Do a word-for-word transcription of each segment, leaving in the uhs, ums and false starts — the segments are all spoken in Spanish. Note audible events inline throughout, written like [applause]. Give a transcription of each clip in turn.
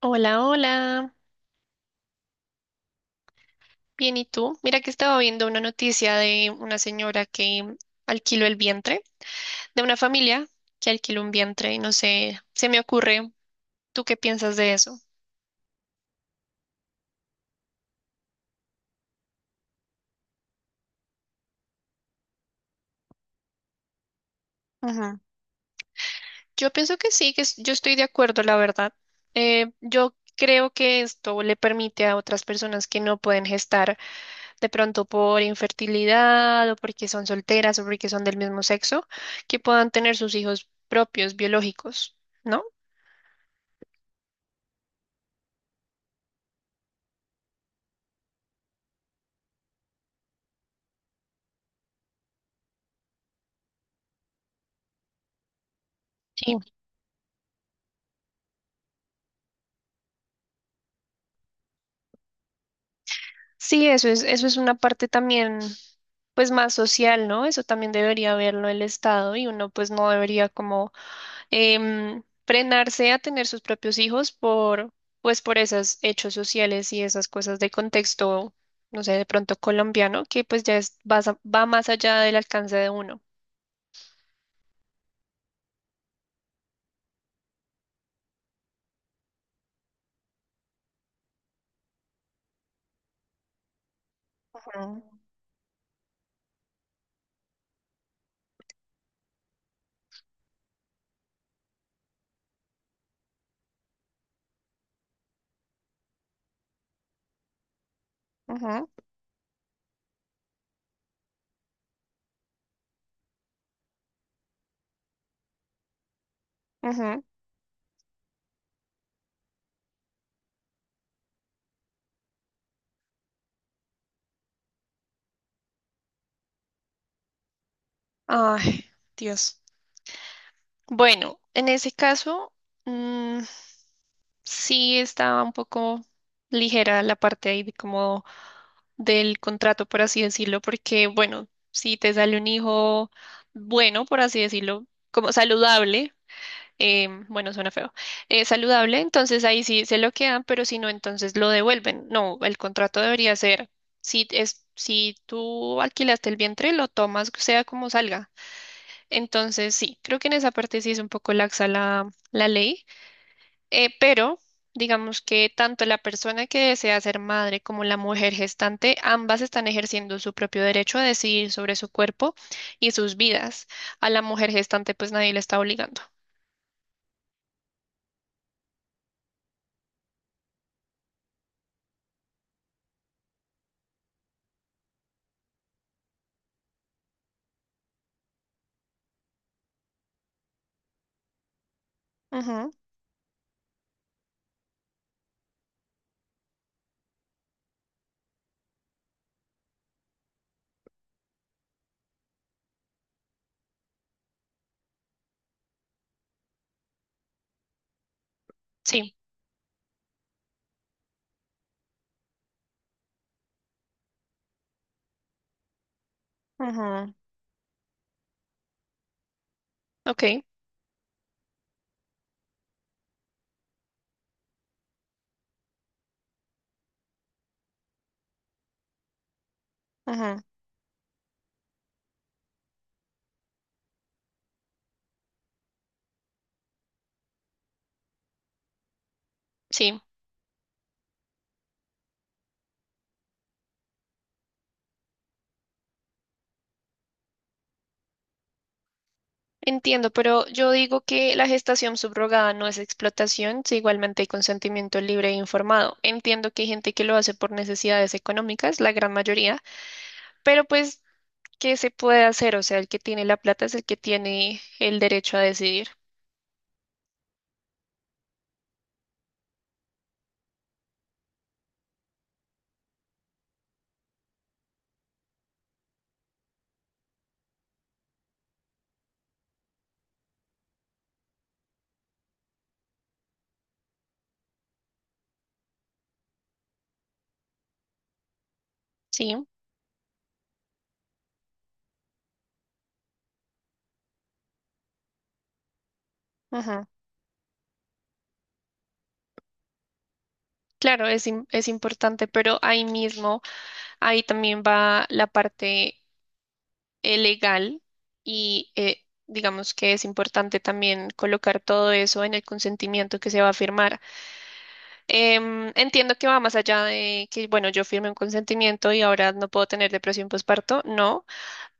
Hola, hola. Bien, ¿y tú? Mira que estaba viendo una noticia de una señora que alquiló el vientre, de una familia que alquiló un vientre, y no sé, se me ocurre, ¿tú qué piensas de eso? Ujú. Yo pienso que sí, que es- yo estoy de acuerdo, la verdad. Eh, yo creo que esto le permite a otras personas que no pueden gestar de pronto por infertilidad o porque son solteras o porque son del mismo sexo, que puedan tener sus hijos propios, biológicos, ¿no? Sí. Sí, eso es, eso es una parte también, pues más social, ¿no? Eso también debería verlo el Estado y uno pues no debería como em, frenarse a tener sus propios hijos por, pues por esos hechos sociales y esas cosas de contexto, no sé, de pronto colombiano, que pues ya es, vas a- va más allá del alcance de uno. Mm. Ujú, ujú. Ay, Dios. Bueno, en ese caso, mm, sí, estaba un poco ligera la parte ahí de como del contrato, por así decirlo, porque bueno, si te sale un hijo bueno, por así decirlo, como saludable, em, bueno, suena feo, eh, saludable, entonces ahí sí se lo quedan, pero si no, entonces lo devuelven. No, el contrato debería ser, si es, si tú alquilaste el vientre, lo tomas, sea como salga. Entonces sí, creo que en esa parte sí es un poco laxa la, la ley. Eh, pero digamos que tanto la persona que desea ser madre como la mujer gestante, ambas están ejerciendo su propio derecho a decidir sobre su cuerpo y sus vidas. A la mujer gestante pues nadie le está obligando. Ujú. Sí. Ujú. Ok. Ujú. Sí. Entiendo, pero yo digo que la gestación subrogada no es explotación, si igualmente hay consentimiento libre e informado. Entiendo que hay gente que lo hace por necesidades económicas, la gran mayoría, pero pues, ¿qué se puede hacer? O sea, el que tiene la plata es el que tiene el derecho a decidir. Sí, ujú. Claro, es, im- es importante, pero ahí mismo, ahí también va la parte eh, legal y eh, digamos que es importante también colocar todo eso en el consentimiento que se va a firmar. Em, entiendo que va más allá de que, bueno, yo firme un consentimiento y ahora no puedo tener depresión postparto, no,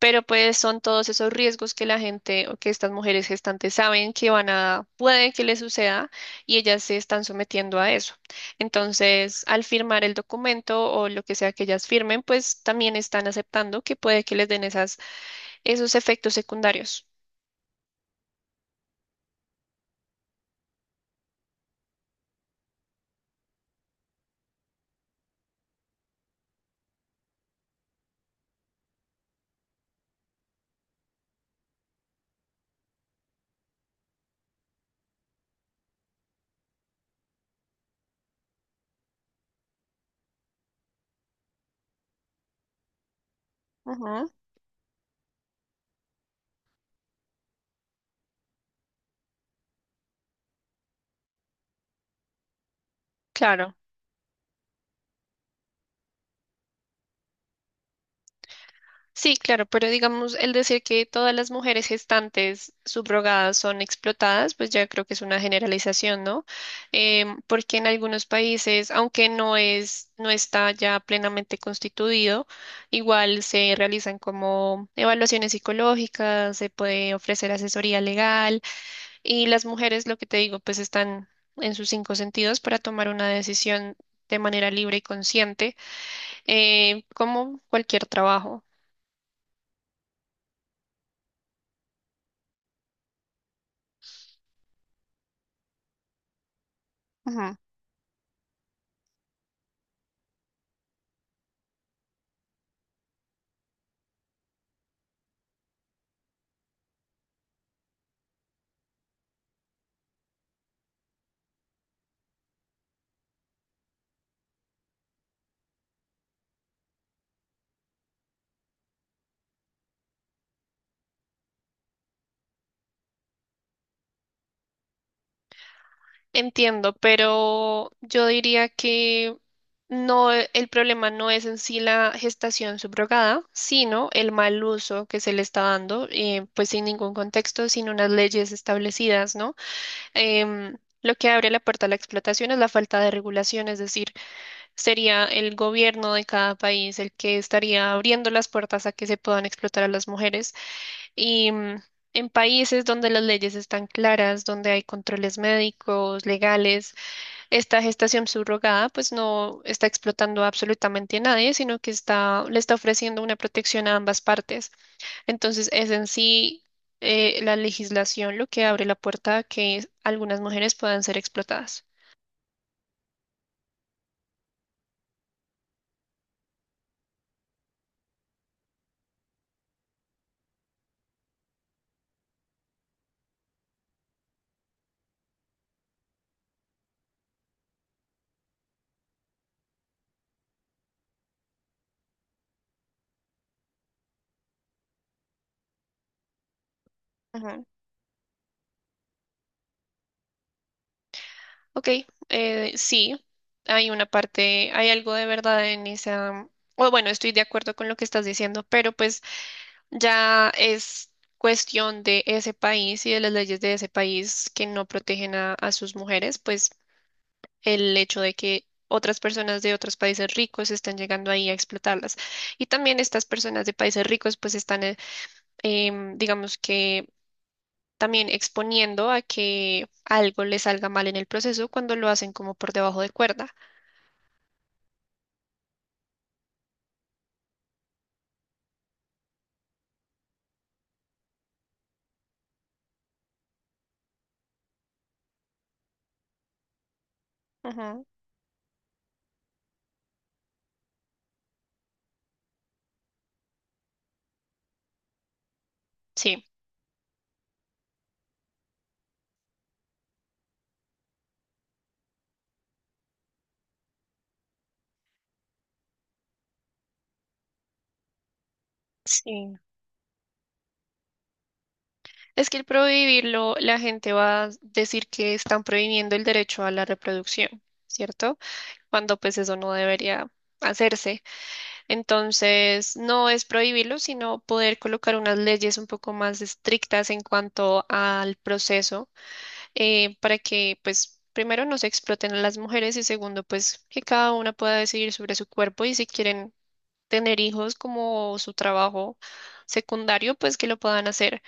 pero pues son todos esos riesgos que la gente o que estas mujeres gestantes saben que van a, puede que les suceda y ellas se están sometiendo a eso. Entonces, al firmar el documento o lo que sea que ellas firmen, pues también están aceptando que puede que les den esas, esos efectos secundarios. Ujú. Claro. Sí, claro, pero digamos, el decir que todas las mujeres gestantes subrogadas son explotadas, pues ya creo que es una generalización, ¿no? Em, porque en algunos países, aunque no es, no está ya plenamente constituido, igual se realizan como evaluaciones psicológicas, se puede ofrecer asesoría legal y las mujeres, lo que te digo, pues están en sus cinco sentidos para tomar una decisión de manera libre y consciente, eh, como cualquier trabajo. Entiendo, pero yo diría que no, e- el problema no es en sí la gestación subrogada, sino el mal uso que se le está dando, eh, pues sin ningún contexto, sin unas leyes establecidas, ¿no? Em, lo que abre la puerta a la explotación es la falta de regulación, es decir, sería el gobierno de cada país el que estaría abriendo las puertas a que se puedan explotar a las mujeres y mm, en países donde las leyes están claras, donde hay controles médicos, legales, esta gestación subrogada pues no está explotando absolutamente a nadie, sino que está, le está ofreciendo una protección a ambas partes. Entonces es en sí eh, la legislación lo que abre la puerta a que algunas mujeres puedan ser explotadas. Ujú. Ok, eh, sí, hay una parte, hay algo de verdad en esa, o bueno, estoy de acuerdo con lo que estás diciendo, pero pues ya es cuestión de ese país y de las leyes de ese país que no protegen a, a sus mujeres, pues el hecho de que otras personas de otros países ricos están llegando ahí a explotarlas. Y también estas personas de países ricos pues están, eh, em, digamos que también exponiendo a que algo les salga mal en el proceso cuando lo hacen como por debajo de cuerda. Ujú. Sí. Sí. Es que el prohibirlo, la gente va a decir que están prohibiendo el derecho a la reproducción, ¿cierto? Cuando pues eso no debería hacerse. Entonces, no es prohibirlo, sino poder colocar unas leyes un poco más estrictas en cuanto al proceso, eh, para que pues primero no se exploten a las mujeres y segundo pues que cada una pueda decidir sobre su cuerpo y si quieren tener hijos como su trabajo secundario, pues que lo puedan hacer.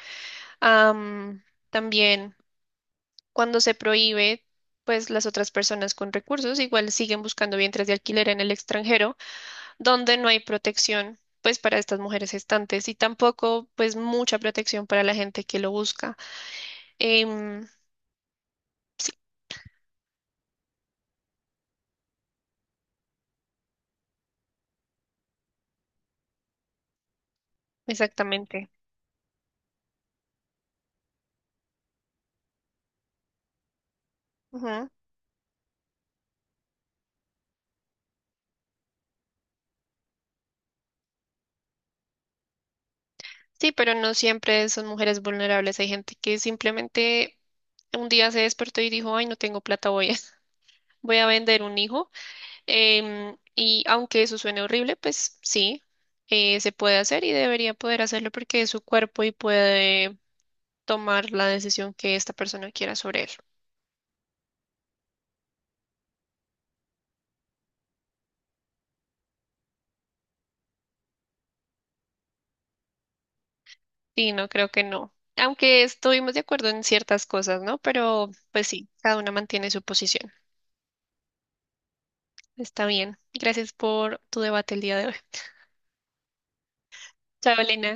Am, También cuando se prohíbe, pues las otras personas con recursos igual siguen buscando vientres de alquiler en el extranjero, donde no hay protección, pues para estas mujeres gestantes y tampoco, pues mucha protección para la gente que lo busca. Em, Exactamente. Ujú. Sí, pero no siempre son mujeres vulnerables. Hay gente que simplemente un día se despertó y dijo, ay, no tengo plata, voy a, [laughs] voy a vender un hijo. Em, y aunque eso suene horrible, pues sí, eh, se puede hacer y debería poder hacerlo porque es su cuerpo y puede tomar la decisión que esta persona quiera sobre él. Y no creo que no. Aunque estuvimos de acuerdo en ciertas cosas, ¿no? Pero pues sí, cada una mantiene su posición. Está bien. Gracias por tu debate el día de hoy. Chao, Elena.